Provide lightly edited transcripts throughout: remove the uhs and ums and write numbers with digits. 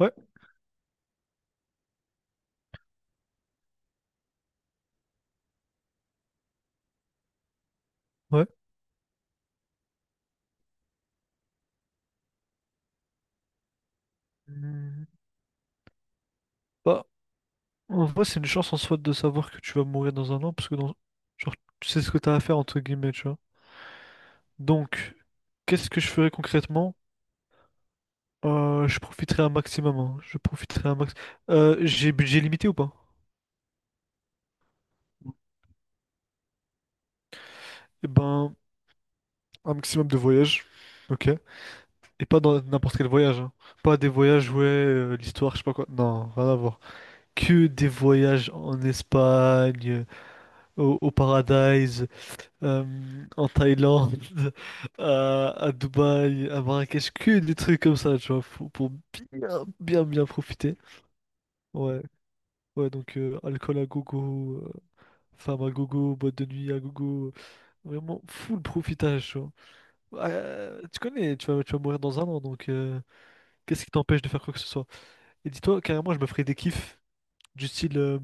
Ouais, ouais. Hmm. Bah, en vrai, c'est une chance en soi de savoir que tu vas mourir dans un an, parce que dans... genre, tu sais ce que t'as à faire, entre guillemets, tu vois. Donc, qu'est-ce que je ferais concrètement? Je profiterai un maximum, hein. Je profiterai un max... J'ai budget limité ou pas? Eh ben, un maximum de voyages, ok? Et pas dans n'importe quel voyage, hein. Pas des voyages, ouais, l'histoire, je sais pas quoi. Non, rien à voir. Que des voyages en Espagne, au Paradise, en Thaïlande, à Dubaï, à Marrakech, que des trucs comme ça, tu vois, pour bien, bien, bien profiter. Ouais, ouais, donc alcool à gogo, femme à gogo, boîte de nuit à gogo, vraiment full profitage, tu vois. Ah, tu connais, tu vas mourir dans un an, donc qu'est-ce qui t'empêche de faire quoi que ce soit? Et dis-toi, carrément, je me ferais des kiffs du style,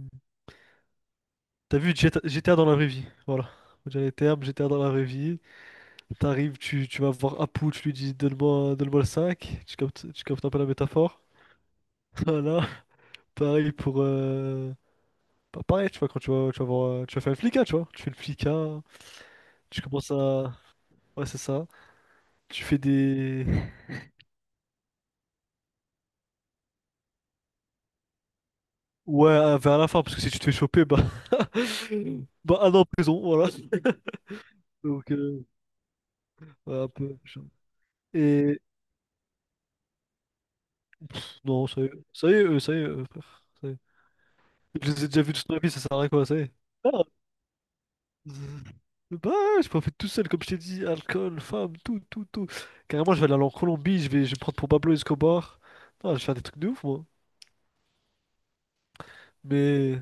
t'as vu GTA, GTA dans la vraie vie, voilà. On dirait les termes, GTA dans la vraie vie. T'arrives, tu vas voir Apu, tu lui dis donne-moi le 5, tu captes un peu la métaphore. Voilà, pareil pour... Pareil, tu vois, quand tu vas voir, tu vas faire le flicard, tu vois. Tu fais le flicard, tu commences à... Ouais, c'est ça. Tu fais des... Ouais, vers la fin, parce que si tu te fais choper, bah... bah, un an en prison, voilà. Donc, ouais, un peu... genre. Et... Non, ça y est, ça y est, ça y est, frère. Ça y est. Je les ai déjà vus toute ma vie, ça sert à rien, quoi, ça y est. Bah, je peux en faire tout seul, comme je t'ai dit, alcool, femme, tout, tout, tout. Carrément, je vais aller en Colombie, je vais me prendre pour Pablo Escobar. Non, je vais faire des trucs de ouf, moi. Mais.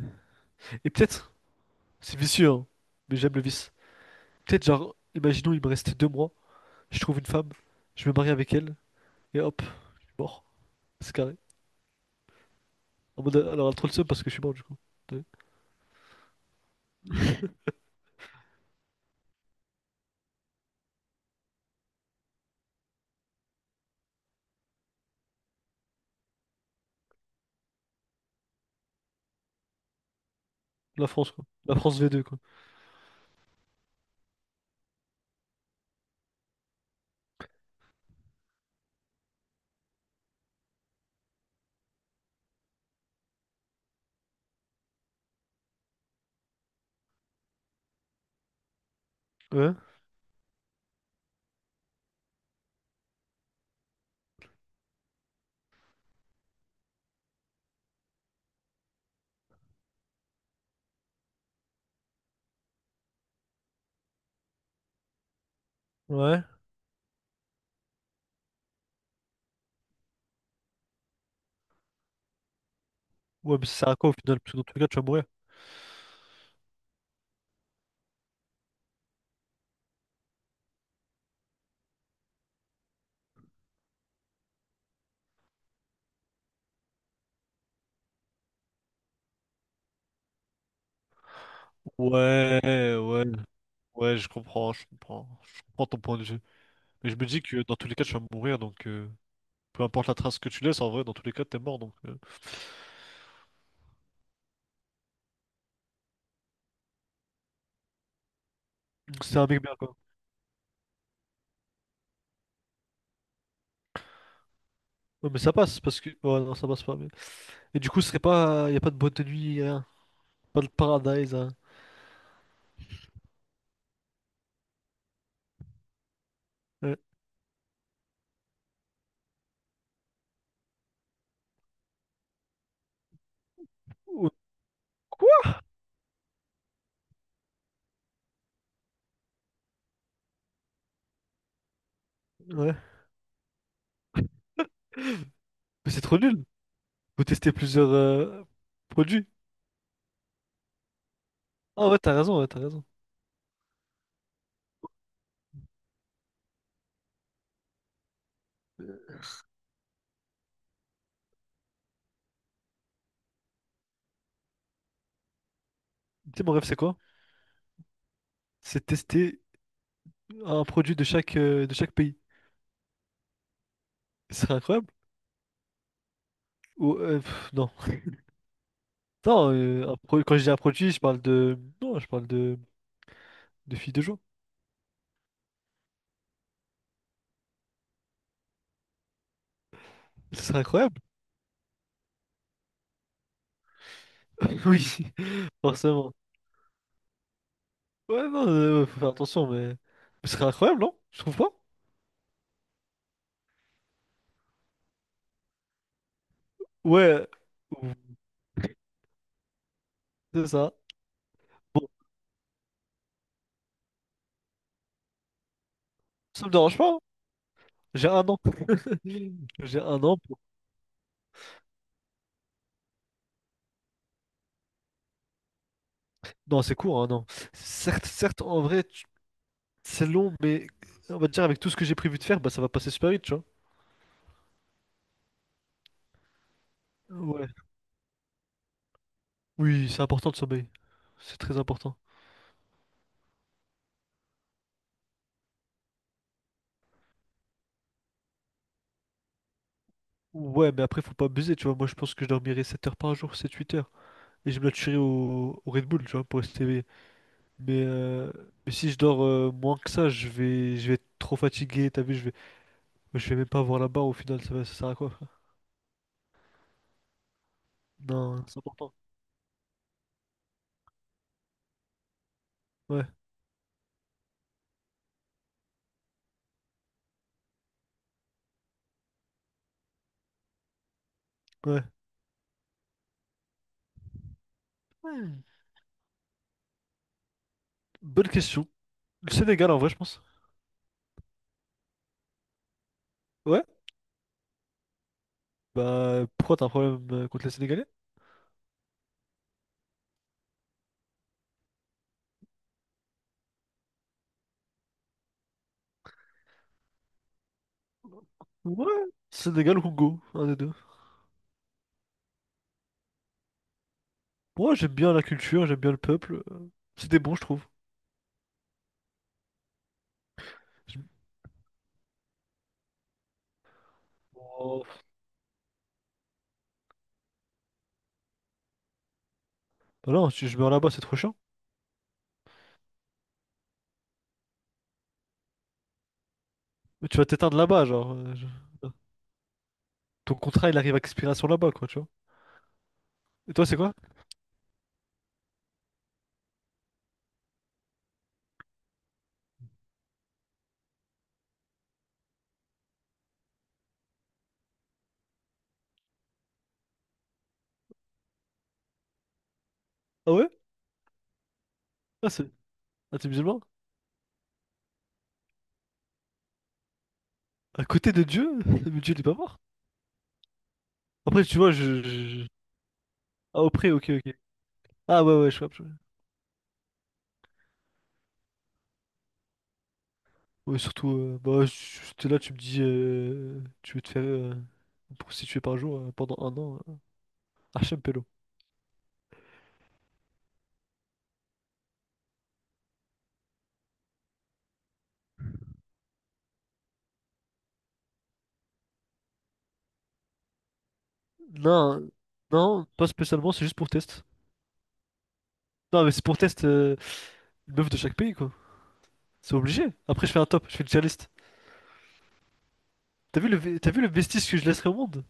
Et peut-être, c'est vicieux, hein, mais j'aime le vice. Peut-être, genre, imaginons, il me reste 2 mois, je trouve une femme, je me marie avec elle, et hop, je suis mort. C'est carré. En mode, alors, elle a trop le seum parce que je suis mort, du coup. Ouais. La France, quoi. La France v2 quoi. Ouais, ouais. Ouais, mais si ça sert à quoi au final? Parce que dans tous les cas, tu vas mourir. Ouais, ouais, ouais, je comprends, je comprends, je comprends ton point de vue. Mais je me dis que dans tous les cas, tu vas mourir, donc peu importe la trace que tu laisses, en vrai, dans tous les cas, t'es mort, donc c'est un mec bien quoi. Ouais, mais ça passe parce que, ouais, non, ça passe pas. Mais... Et du coup, ce serait pas, y a pas de boîte de nuit, rien, pas de paradise, hein. Ouais. Ou- Quoi? Ouais, mais c'est trop nul. Vous testez plusieurs produits? Ah ouais, t'as raison, ouais, t'as raison. Tu sais, mon rêve, c'est quoi? C'est tester un produit de chaque pays. Ce serait incroyable? Ou, non. Non, quand je dis un produit, je parle de... Non, je parle de filles de joie. Ce serait incroyable. Oui, forcément. Ouais, non, ouais, faut faire attention, mais ce serait incroyable, non? Je trouve pas? Ouais, euh, c'est ça. Bon, ça me dérange pas, hein. J'ai un an. J'ai un an pour... Non, c'est court, un an. Certes, certes, en vrai... c'est long, mais on va dire avec tout ce que j'ai prévu de faire, bah ça va passer super vite, tu vois. Ouais. Oui, c'est important de sommeil. C'est très important. Ouais, mais après, faut pas abuser, tu vois. Moi, je pense que je dormirai 7 heures par jour, 7-8 heures. Et je me la tuerai au Red Bull, tu vois, pour rester éveillé. Mais, euh, mais si je dors moins que ça, je vais être trop fatigué, t'as vu, je vais même pas avoir la barre au final, ça, ça sert à quoi, frère? Non, ouais, ouais. Hmm. Bonne question. Le Sénégal, en vrai, je pense. Ouais? Bah, pourquoi t'as un problème contre les Sénégalais? Ouais, Sénégal ou Congo, un des deux. Moi, j'aime bien la culture, j'aime bien le peuple, c'était bon, je trouve. Je- Oh, bah non, si je meurs là-bas, c'est trop chiant. Mais tu vas t'éteindre là-bas, genre, ton contrat, il arrive à expiration là-bas, quoi, tu vois. Et toi, c'est quoi? Ah ouais? Ah, c'est... Ah, t'es musulman? À côté de Dieu? Mais Dieu, il est pas mort. Après, tu vois, ah, auprès, ok, ok. Ah ouais, ouais, je vois, je vois. Ouais, surtout, bah, si t'es là, tu me dis... tu veux te faire prostituer par jour pendant un an, Hachem Pélo. Non, non, pas spécialement, c'est juste pour test. Non, mais c'est pour test une meuf de chaque pays, quoi. C'est obligé. Après, je fais un top, je fais une tier list. T'as vu le vestige que je laisserai au monde?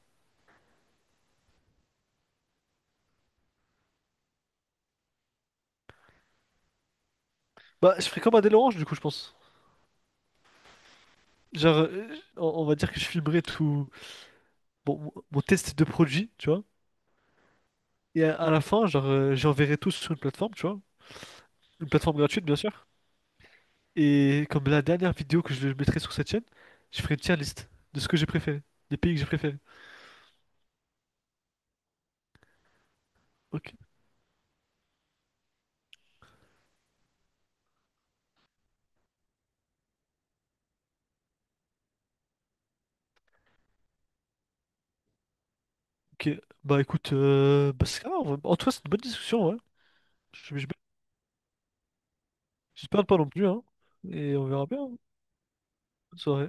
Bah, je ferai comme Adèle Orange, du coup, je pense. Genre, on va dire que je filmerai tout bon, mon test de produit, tu vois. Et à la fin, genre, j'enverrai tout sur une plateforme, tu vois. Une plateforme gratuite, bien sûr. Et comme la dernière vidéo que je mettrai sur cette chaîne, je ferai une tier list de ce que j'ai préféré, des pays que j'ai préférés. Ok. Ok, bah écoute, bah, c'est ça, en tout cas, c'est une bonne discussion, ouais. J'ai- j'ai- J'espère ne pas non plus, hein. Et on verra bien. Bonne soirée.